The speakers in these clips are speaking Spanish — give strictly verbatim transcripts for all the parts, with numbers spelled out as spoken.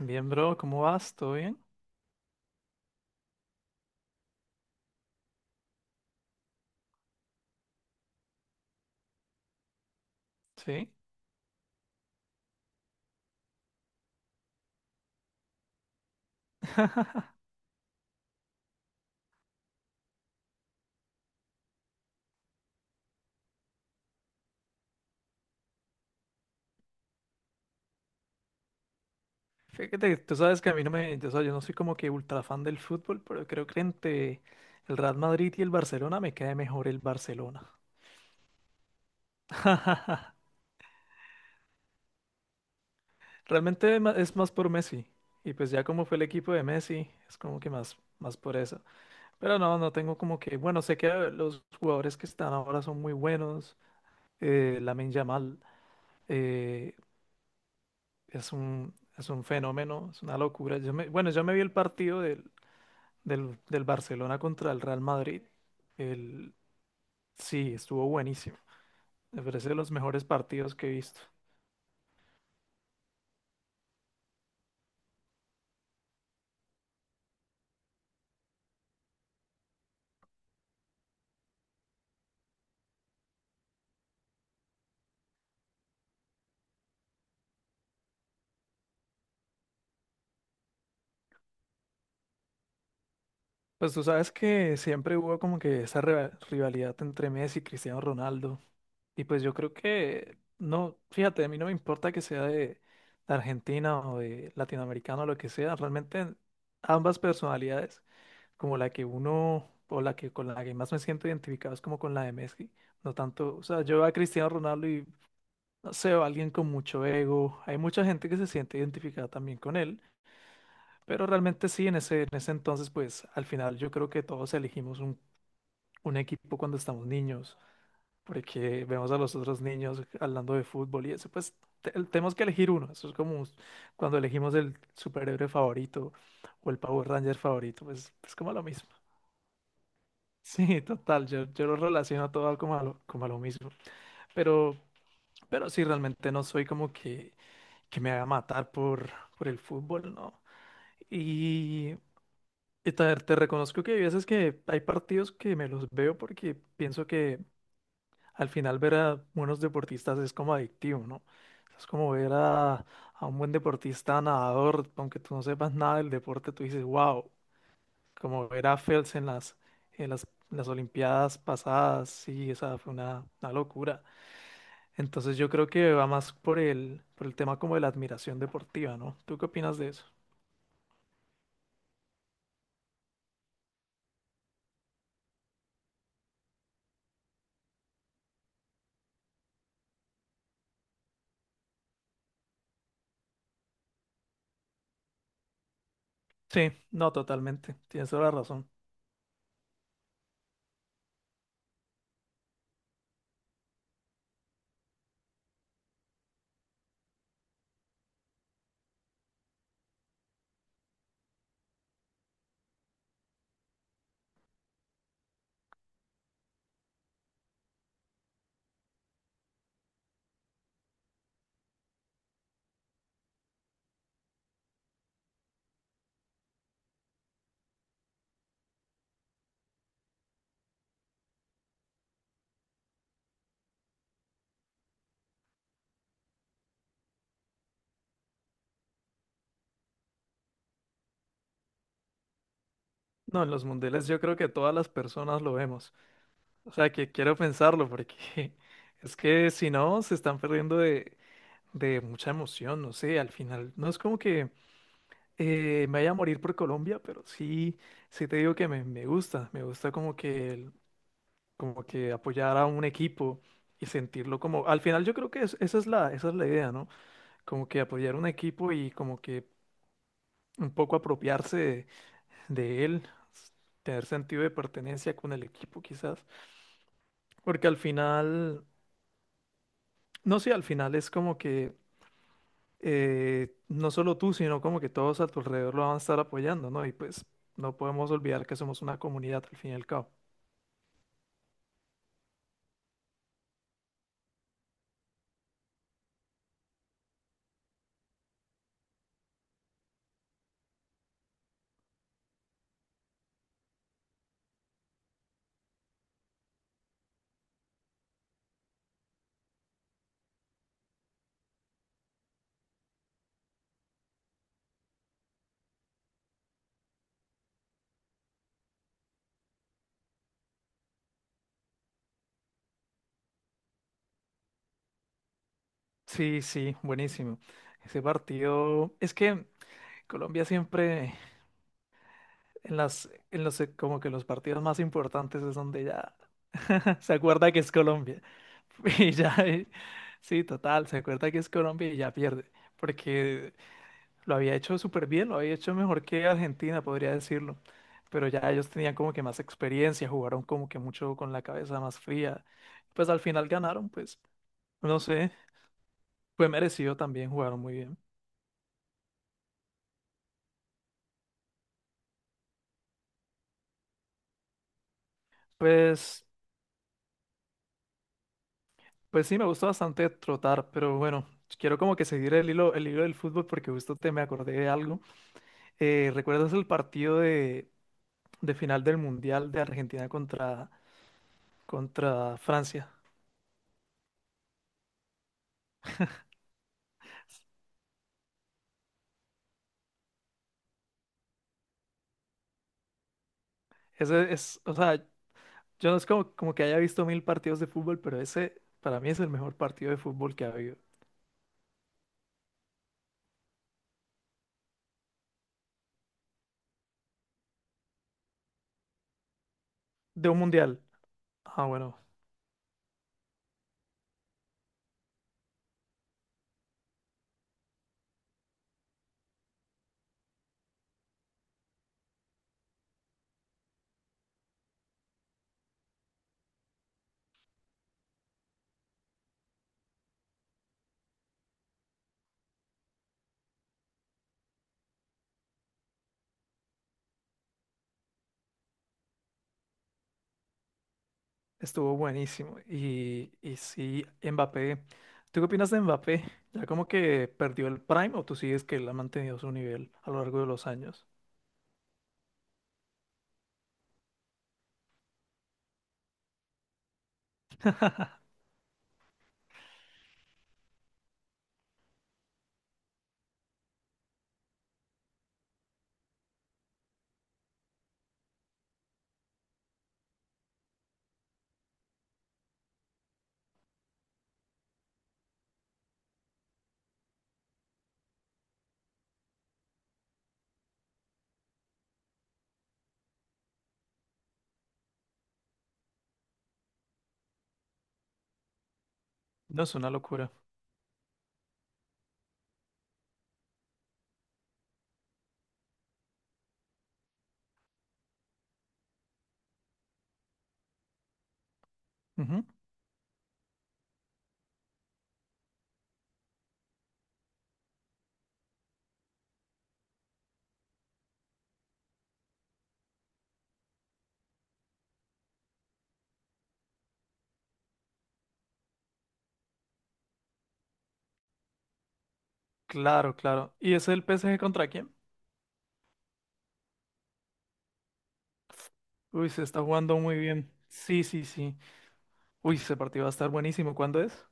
Bien, bro, ¿cómo vas? ¿Todo bien? Sí. Fíjate, que tú sabes que a mí no me, o sea, yo no soy como que ultra fan del fútbol, pero creo que entre el Real Madrid y el Barcelona me cae mejor el Barcelona. Realmente ma- es más por Messi. Y pues ya como fue el equipo de Messi, es como que más, más por eso. Pero no, no tengo como que, bueno, sé que los jugadores que están ahora son muy buenos. Eh, Lamine Yamal eh, es un, es un fenómeno, es una locura. Yo me- bueno, yo me vi el partido del del, del Barcelona contra el Real Madrid. El, sí, estuvo buenísimo. Me parece de los mejores partidos que he visto. Pues tú sabes que siempre hubo como que esa riva- rivalidad entre Messi y Cristiano Ronaldo. Y pues yo creo que, no, fíjate, a mí no me importa que sea de, de Argentina o de latinoamericano o lo que sea. Realmente ambas personalidades, como la que uno o la que con la que más me siento identificado es como con la de Messi. No tanto, o sea, yo veo a Cristiano Ronaldo y no sé, o alguien con mucho ego. Hay mucha gente que se siente identificada también con él, pero realmente sí, en ese, en ese entonces, pues al final yo creo que todos elegimos un, un, equipo cuando estamos niños, porque vemos a los otros niños hablando de fútbol y eso, pues te- tenemos que elegir uno. Eso es como cuando elegimos el superhéroe favorito o el Power Ranger favorito, pues es como lo mismo. Sí, total, yo, yo lo relaciono todo como a lo, como a lo mismo, pero, pero, sí, realmente no soy como que... que me va a matar por, por, el fútbol, ¿no? Y, y te, te reconozco que hay veces que hay partidos que me los veo porque pienso que al final ver a buenos deportistas es como adictivo, ¿no? Es como ver a, a, un buen deportista nadador, aunque tú no sepas nada del deporte, tú dices, wow, como ver a Phelps en las, en las, en las, Olimpiadas pasadas, sí, esa fue una, una locura. Entonces yo creo que va más por el, por el tema como de la admiración deportiva, ¿no? ¿Tú qué opinas de eso? Sí, no, totalmente. Tienes toda la razón. No, en los mundiales yo creo que todas las personas lo vemos. O sea, que quiero pensarlo porque es que si no, se están perdiendo de, de, mucha emoción. No sé, al final no es como que eh, me vaya a morir por Colombia, pero sí, sí te digo que me, me, gusta. Me gusta como que, el- como que apoyar a un equipo y sentirlo como. Al final yo creo que es- esa es la, esa es la idea, ¿no? Como que apoyar un equipo y como que un poco apropiarse de él, tener sentido de pertenencia con el equipo quizás, porque al final, no sé, al final es como que eh, no solo tú, sino como que todos a tu alrededor lo van a estar apoyando, ¿no? Y pues no podemos olvidar que somos una comunidad al fin y al cabo. Sí, sí, buenísimo. Ese partido, es que Colombia siempre en las, en los, como que los partidos más importantes es donde ya se acuerda que es Colombia. Y ya, eh, sí, total, se acuerda que es Colombia y ya pierde. Porque lo había hecho súper bien, lo había hecho mejor que Argentina, podría decirlo. Pero ya ellos tenían como que más experiencia, jugaron como que mucho con la cabeza más fría. Pues al final ganaron, pues, no sé, fue merecido también, jugaron muy bien. Pues, pues, sí, me gustó bastante trotar, pero bueno, quiero como que seguir el hilo, el hilo del fútbol porque justo te me acordé de algo. Eh, ¿recuerdas el partido de, de, final del Mundial de Argentina contra, contra Francia? Ese es, o sea, yo no es como, como que haya visto mil partidos de fútbol, pero ese para mí es el mejor partido de fútbol que ha habido. De un Mundial. Ah, bueno, estuvo buenísimo. Y, y sí, Mbappé. ¿Tú qué opinas de Mbappé? ¿Ya como que perdió el prime o tú sigues que él ha mantenido su nivel a lo largo de los años? No, es una locura. Ujú. Claro, claro. ¿Y es el PSG contra quién? Uy, se está jugando muy bien. Sí, sí, sí. Uy, ese partido va a estar buenísimo. ¿Cuándo es?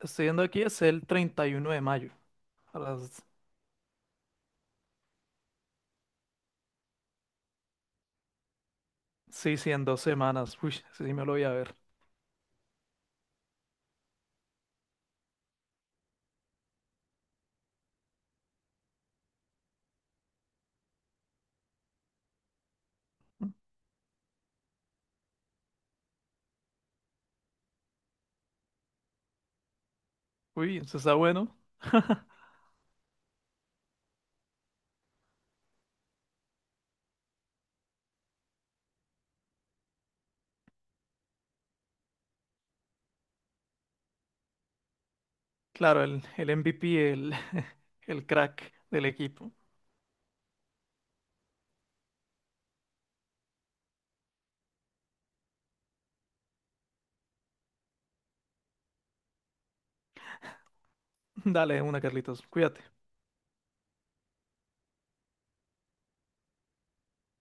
Estoy viendo aquí, es el treinta y uno de mayo, a las. Sí, sí, en dos semanas. Uy, ese sí me lo voy a ver. Uy, eso está bueno. Claro, el, el M V P, el, el crack del equipo. Dale, una, Carlitos. Cuídate.